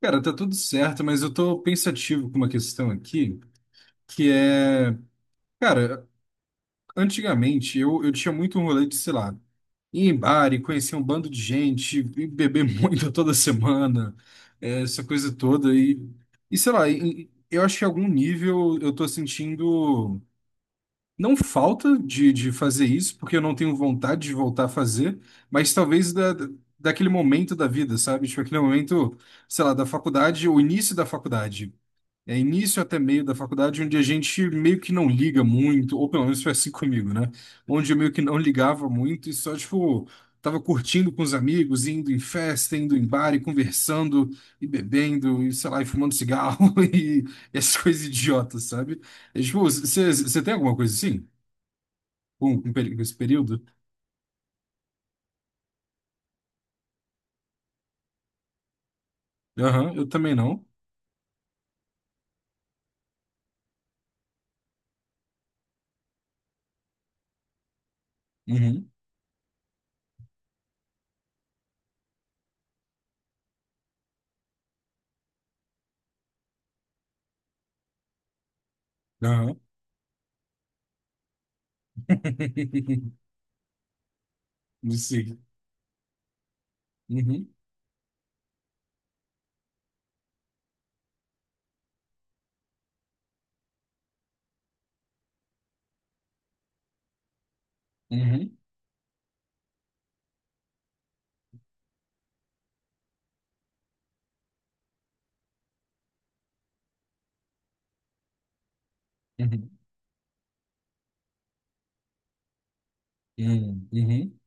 Cara, tá tudo certo, mas eu tô pensativo com uma questão aqui, que é, cara, antigamente eu tinha muito um rolê de, sei lá, ir em bar e conhecer um bando de gente, e beber muito toda semana, é, essa coisa toda, e eu acho que em algum nível eu tô sentindo, não falta de fazer isso, porque eu não tenho vontade de voltar a fazer, mas talvez daquele momento da vida, sabe? Tipo, aquele momento, sei lá, da faculdade, o início da faculdade é início até meio da faculdade, onde a gente meio que não liga muito, ou pelo menos foi assim comigo, né? Onde eu meio que não ligava muito e só, tipo, tava curtindo com os amigos, indo em festa, indo em bar e conversando e bebendo e, sei lá, e fumando cigarro e essas coisas idiotas, sabe? É, tipo, você tem alguma coisa assim? Com com esse período? Aham, eu também não. Uhum, aham. Sim. Uhum, uhum, uhum, uhum, uhum.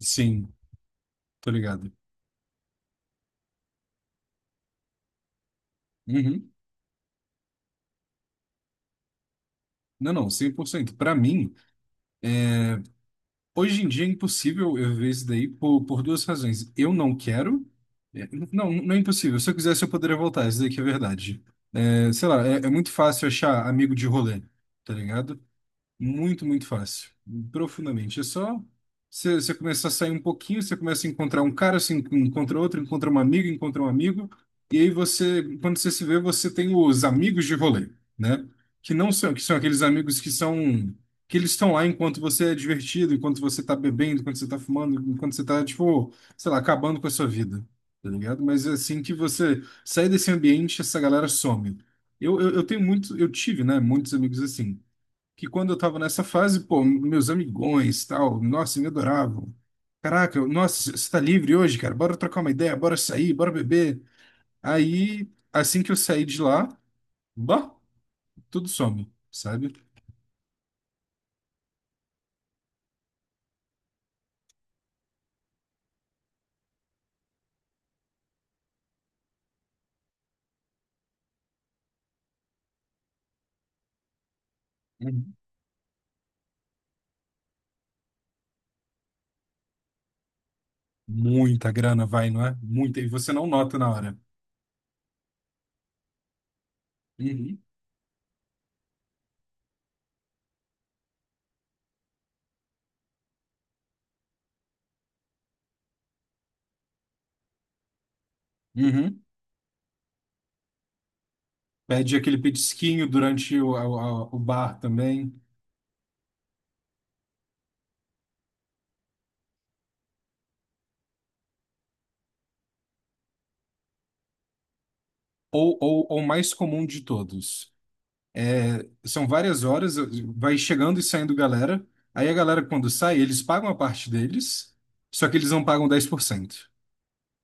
Sim, tô ligado. Uhum. Não, não, 100%. Para mim, hoje em dia é impossível eu ver isso daí por duas razões. Eu não quero. Não, não é impossível. Se eu quisesse, eu poderia voltar. Isso daí que é verdade. É, sei lá, é muito fácil achar amigo de rolê, tá ligado? Muito, muito fácil. Profundamente. É só você começar a sair um pouquinho, você começa a encontrar um cara, você encontra outro, encontra uma amiga, encontra um amigo, e aí você, quando você se vê, você tem os amigos de rolê, né? Que não são, que são aqueles amigos que são, que eles estão lá enquanto você é divertido, enquanto você tá bebendo, enquanto você tá fumando, enquanto você tá, tipo, sei lá, acabando com a sua vida, tá ligado? Mas é assim que você sai desse ambiente, essa galera some. Eu tenho muito, eu tive, né, muitos amigos assim que quando eu tava nessa fase, pô, meus amigões, tal, nossa, me adoravam. Caraca, nossa, você tá livre hoje, cara? Bora trocar uma ideia, bora sair, bora beber. Aí, assim que eu saí de lá, bah, tudo some, sabe? Uhum. Muita grana vai, não é? Muita, e você não nota na hora. Uhum. Uhum. Pede aquele petisquinho durante o bar também. Ou mais comum de todos. São várias horas, vai chegando e saindo galera. Aí a galera, quando sai, eles pagam a parte deles, só que eles não pagam 10%.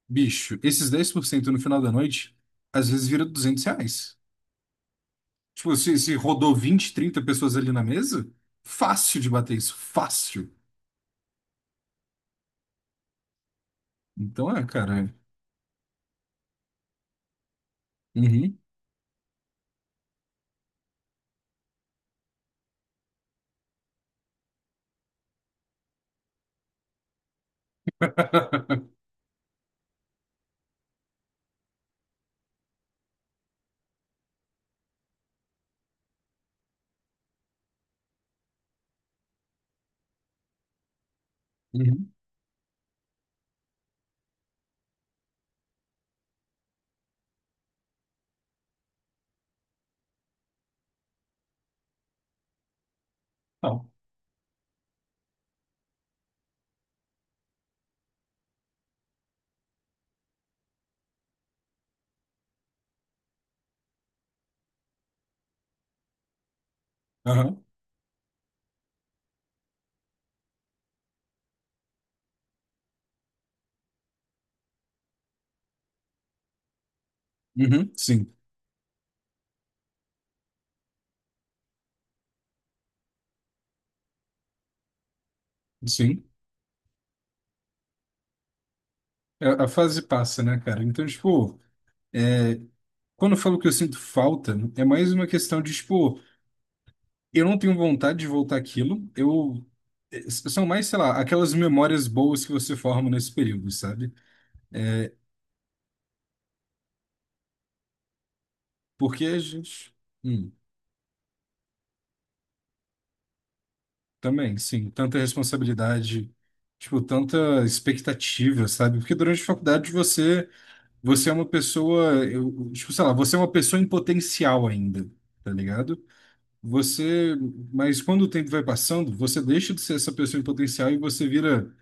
Bicho, esses 10% no final da noite, às vezes vira R$ 200. Tipo, se rodou 20, 30 pessoas ali na mesa, fácil de bater isso, fácil. Então é, cara. É. Uhum, uhum, não. Aham, uhum, sim, sim. A fase passa, né, cara? Então, tipo. é, Quando eu falo que eu sinto falta, é mais uma questão de, tipo, eu não tenho vontade de voltar àquilo, eu... São mais, sei lá, aquelas memórias boas que você forma nesse período, sabe? Porque a gente... hum, Também, sim, tanta responsabilidade, tipo, tanta expectativa, sabe? Porque durante a faculdade você, você é uma pessoa, eu, tipo, sei lá, você é uma pessoa em potencial ainda, tá ligado? Você... Mas quando o tempo vai passando, você deixa de ser essa pessoa em potencial e você vira.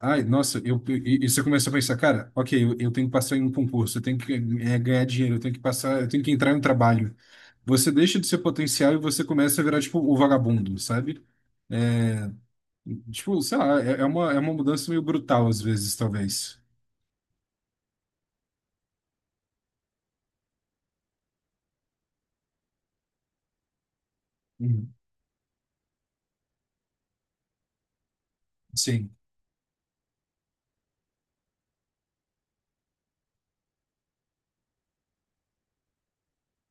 Ai, nossa, eu, e você começa a pensar, cara, ok, eu tenho que passar em um concurso, eu tenho que ganhar dinheiro, eu tenho que passar, eu tenho que entrar em um trabalho. Você deixa de ser potencial e você começa a virar, tipo, o vagabundo, sabe? É, Tipo, sei lá, é uma mudança meio brutal às vezes, talvez. Uhum. Sim.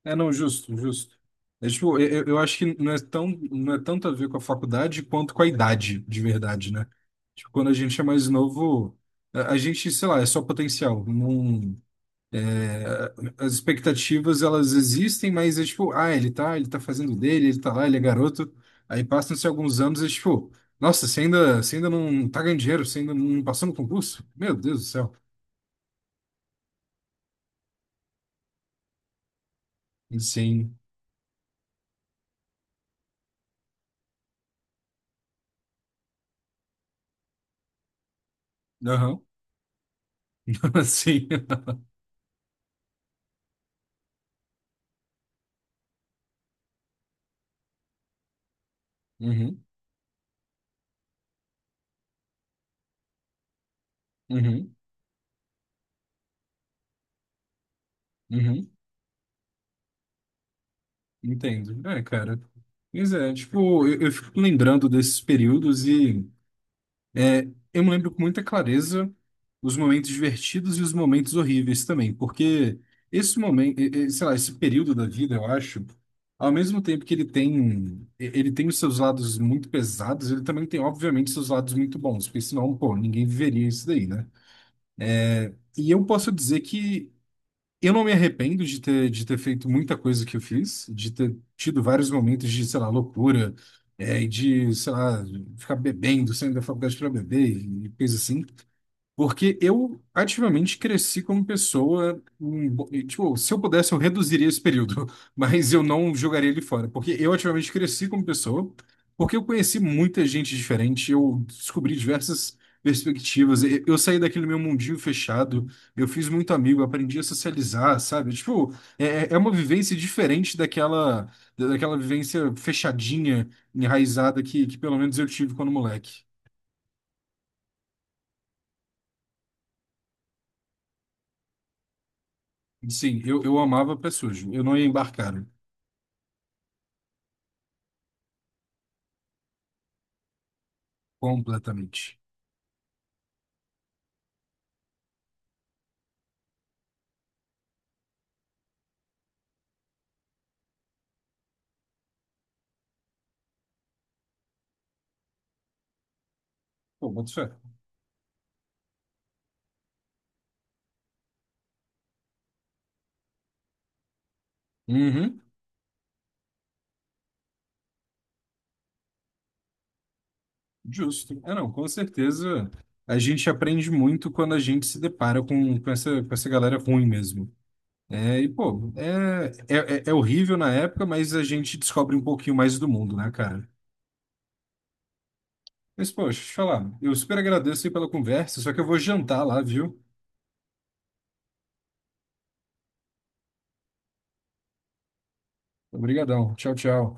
É, não, justo, justo. É, tipo, eu acho que não é tão, não é tanto a ver com a faculdade quanto com a idade, de verdade, né? Tipo, quando a gente é mais novo, a gente, sei lá, é só potencial. Não, as expectativas elas existem, mas é tipo, ah, ele tá, fazendo o dele, ele tá lá, ele é garoto. Aí passam-se alguns anos e é tipo, nossa, você ainda não tá ganhando dinheiro, você ainda não passou no concurso? Meu Deus do céu. Sim. Aham. Sim. Uhum. Uhum. Uhum. Entendo. É, cara. Mas é, tipo, eu fico lembrando desses períodos e É, eu me lembro com muita clareza os momentos divertidos e os momentos horríveis também, porque esse momento, sei lá, esse período da vida, eu acho, ao mesmo tempo que ele tem, ele tem os seus lados muito pesados, ele também tem, obviamente, seus lados muito bons, porque senão, pô, ninguém viveria isso daí, né? E eu posso dizer que eu não me arrependo de ter feito muita coisa que eu fiz, de ter tido vários momentos de, sei lá, loucura, e de, sei lá, ficar bebendo, saindo da faculdade para beber e coisa assim. Porque eu ativamente cresci como pessoa. Tipo, se eu pudesse, eu reduziria esse período, mas eu não jogaria ele fora. Porque eu ativamente cresci como pessoa, porque eu conheci muita gente diferente, eu descobri diversas perspectivas. Eu saí daquele meu mundinho fechado, eu fiz muito amigo, aprendi a socializar, sabe? Tipo, é uma vivência diferente daquela, vivência fechadinha, enraizada que pelo menos eu tive quando moleque. Sim, eu amava pé sujo. Eu não ia embarcar completamente. Pô, boto fé. Uhum, justo. É, não, com certeza a gente aprende muito quando a gente se depara com essa galera ruim mesmo. É, e, pô, é horrível na época, mas a gente descobre um pouquinho mais do mundo, né, cara? Mas, poxa, deixa eu te falar, eu super agradeço aí pela conversa, só que eu vou jantar lá, viu? Obrigadão. Tchau, tchau.